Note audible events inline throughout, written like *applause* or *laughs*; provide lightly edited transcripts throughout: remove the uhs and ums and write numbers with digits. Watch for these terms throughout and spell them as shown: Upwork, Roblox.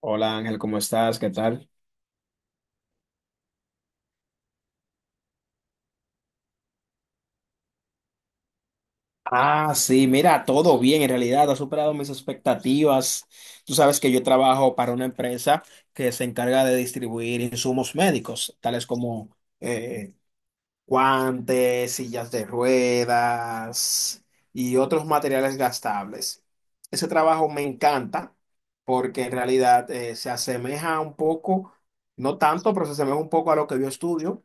Hola Ángel, ¿cómo estás? ¿Qué tal? Ah, sí, mira, todo bien, en realidad ha superado mis expectativas. Tú sabes que yo trabajo para una empresa que se encarga de distribuir insumos médicos, tales como guantes, sillas de ruedas y otros materiales gastables. Ese trabajo me encanta porque en realidad se asemeja un poco, no tanto, pero se asemeja un poco a lo que yo estudio.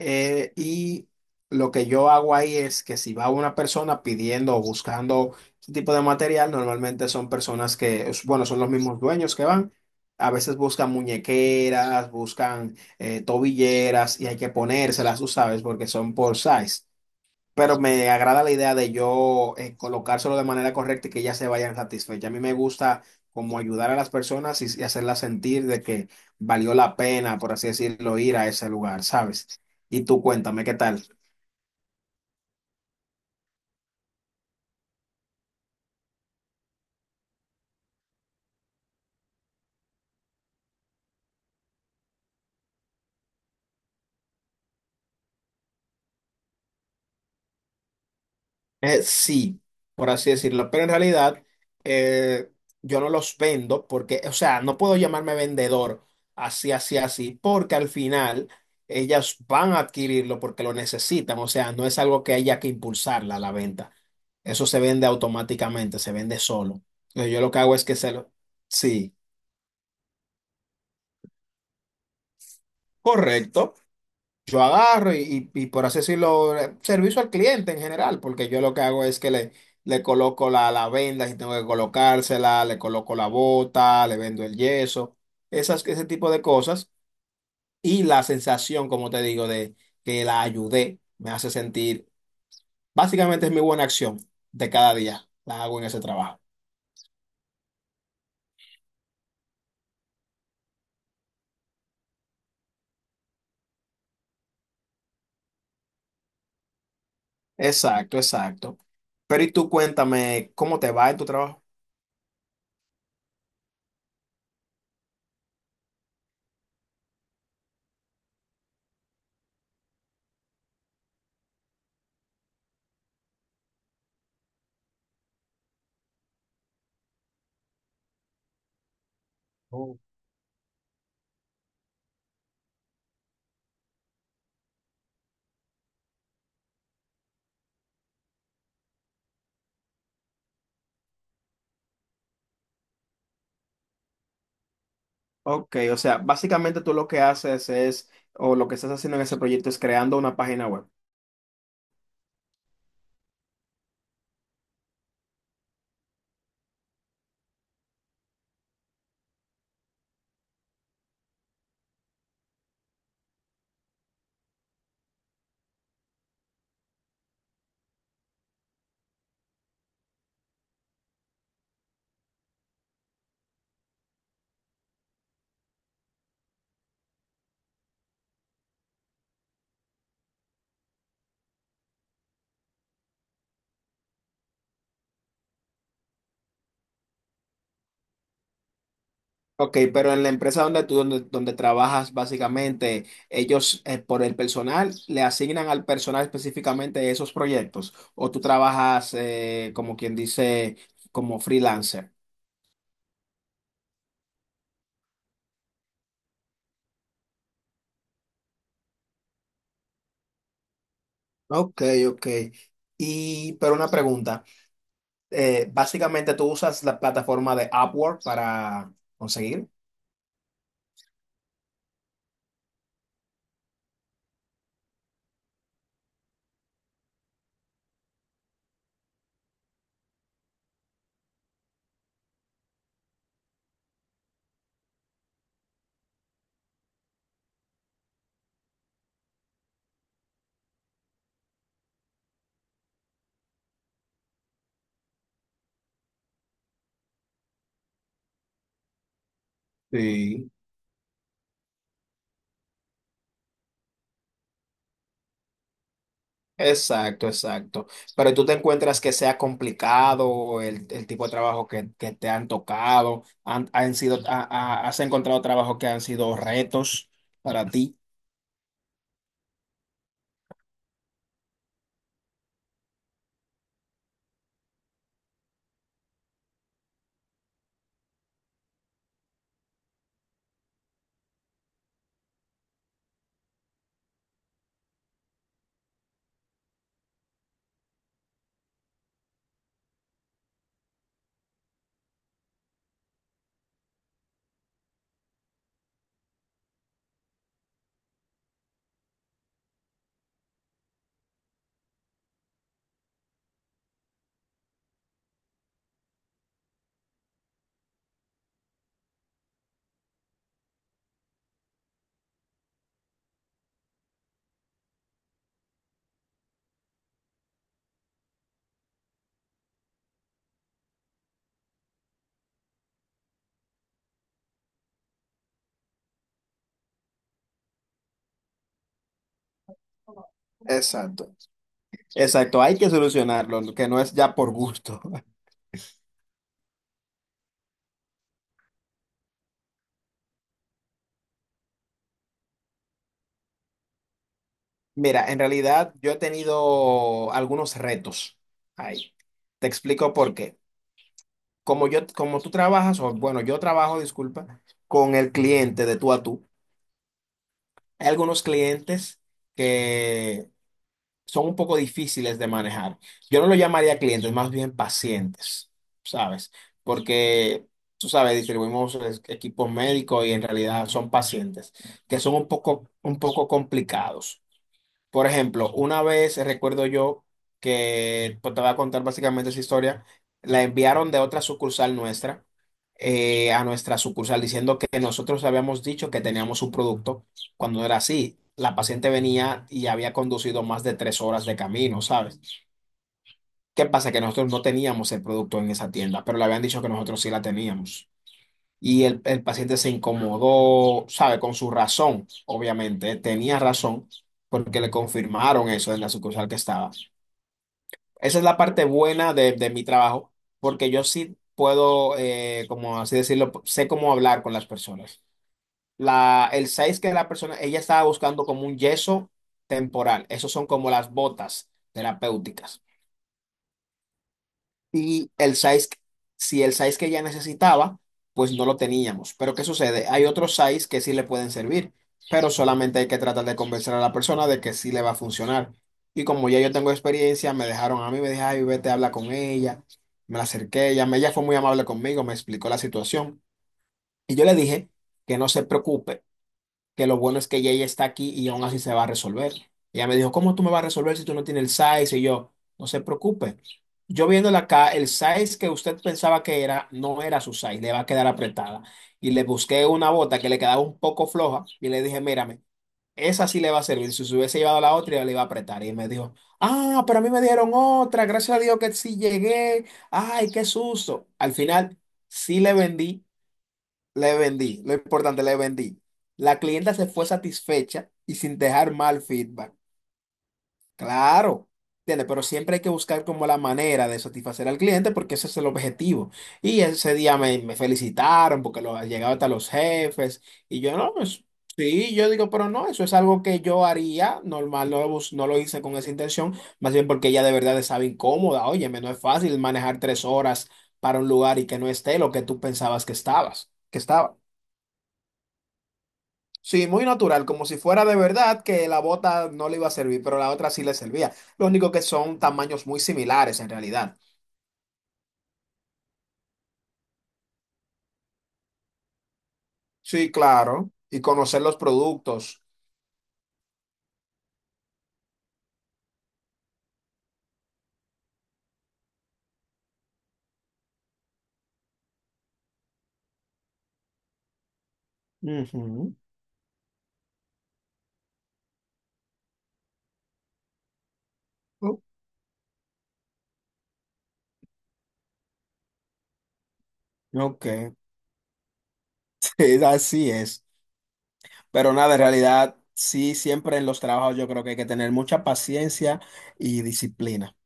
Y lo que yo hago ahí es que si va una persona pidiendo o buscando este tipo de material, normalmente son personas que bueno, son los mismos dueños que van. A veces buscan muñequeras, buscan tobilleras y hay que ponérselas, tú sabes, porque son por size. Pero me agrada la idea de yo colocárselo de manera correcta y que ellas se vayan satisfechas. A mí me gusta como ayudar a las personas y hacerlas sentir de que valió la pena, por así decirlo, ir a ese lugar, ¿sabes? Y tú cuéntame, ¿qué tal? Sí, por así decirlo, pero en realidad eh, yo no los vendo porque, o sea, no puedo llamarme vendedor así, así, así, porque al final ellas van a adquirirlo porque lo necesitan, o sea, no es algo que haya que impulsarla a la venta, eso se vende automáticamente, se vende solo. Entonces, yo lo que hago es que se lo... Sí, correcto. Yo agarro y por así decirlo, servicio al cliente en general, porque yo lo que hago es que le coloco la venda si tengo que colocársela, le coloco la bota, le vendo el yeso, esas, ese tipo de cosas. Y la sensación, como te digo, de que la ayudé, me hace sentir, básicamente es mi buena acción de cada día, la hago en ese trabajo. Exacto, exacto. Pero y tú cuéntame, ¿cómo te va en tu trabajo? Ok, o sea, básicamente tú lo que haces es, o lo que estás haciendo en ese proyecto es creando una página web. Ok, pero en la empresa donde donde trabajas, básicamente, ellos por el personal le asignan al personal específicamente esos proyectos, o tú trabajas como quien dice, como freelancer. Ok, ok. Y, pero una pregunta, básicamente tú usas la plataforma de Upwork para conseguir. Sí. Exacto, exacto. Pero tú te encuentras que sea complicado el tipo de trabajo que te han tocado, han sido, has encontrado trabajos que han sido retos para ti. Exacto. Exacto, hay que solucionarlo, que no es ya por gusto. *laughs* Mira, en realidad yo he tenido algunos retos ahí. Te explico por qué. Como yo, como tú trabajas, o bueno, yo trabajo, disculpa, con el cliente de tú a tú. Hay algunos clientes que son un poco difíciles de manejar. Yo no lo llamaría clientes, más bien pacientes, ¿sabes? Porque, tú sabes, distribuimos equipos médicos y en realidad son pacientes, que son un poco complicados. Por ejemplo, una vez recuerdo yo que pues, te voy a contar básicamente esa historia, la enviaron de otra sucursal nuestra a nuestra sucursal diciendo que nosotros habíamos dicho que teníamos un producto cuando no era así. La paciente venía y había conducido más de 3 horas de camino, ¿sabes? ¿Qué pasa? Que nosotros no teníamos el producto en esa tienda, pero le habían dicho que nosotros sí la teníamos y el paciente se incomodó, sabe, con su razón, obviamente, tenía razón porque le confirmaron eso en la sucursal que estaba. Esa es la parte buena de mi trabajo, porque yo sí puedo, como así decirlo, sé cómo hablar con las personas. El 6 que la persona, ella estaba buscando como un yeso temporal, esos son como las botas terapéuticas. Y el size, si el size que ya necesitaba, pues no lo teníamos. Pero ¿qué sucede? Hay otros size que sí le pueden servir, pero solamente hay que tratar de convencer a la persona de que sí le va a funcionar. Y como ya yo tengo experiencia, me dejaron a mí, me dijeron, ay, vete, habla con ella. Me la acerqué, ella fue muy amable conmigo, me explicó la situación. Y yo le dije que no se preocupe que lo bueno es que ella ya está aquí y aún así se va a resolver. Ella me dijo, ¿cómo tú me vas a resolver si tú no tienes el size? Y yo, no se preocupe. Yo viéndola acá, el size que usted pensaba que era, no era su size, le va a quedar apretada. Y le busqué una bota que le quedaba un poco floja y le dije, mírame, esa sí le va a servir. Si se hubiese llevado la otra, yo le iba a apretar. Y me dijo, ah, pero a mí me dieron otra, gracias a Dios que sí llegué. Ay, qué susto. Al final, sí le vendí, le vendí, lo importante, le vendí. La clienta se fue satisfecha y sin dejar mal feedback. Claro, ¿entiendes? Pero siempre hay que buscar como la manera de satisfacer al cliente porque ese es el objetivo. Y ese día me felicitaron porque llegaba hasta los jefes y yo no, pues sí, yo digo, pero no, eso es algo que yo haría normal, no lo hice con esa intención, más bien porque ella de verdad estaba incómoda. Óyeme, no es fácil manejar 3 horas para un lugar y que no esté lo que tú pensabas que estaba. Sí, muy natural, como si fuera de verdad que la bota no le iba a servir, pero la otra sí le servía. Lo único que son tamaños muy similares en realidad. Sí, claro. Y conocer los productos. Ujú. Ok, *laughs* así es. Pero nada, en realidad, sí, siempre en los trabajos yo creo que hay que tener mucha paciencia y disciplina.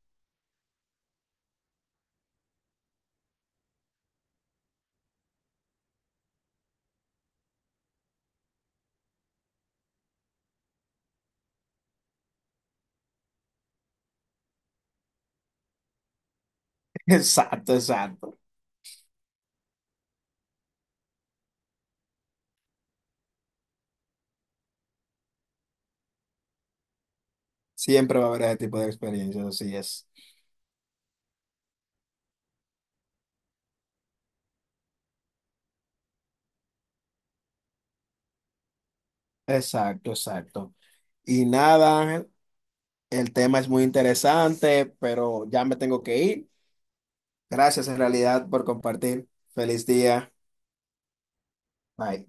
*laughs* Exacto, exacto. Siempre va a haber ese tipo de experiencias, así es. Exacto, exacto. Y nada, Ángel, el tema es muy interesante, pero ya me tengo que ir. Gracias en realidad por compartir. Feliz día. Bye.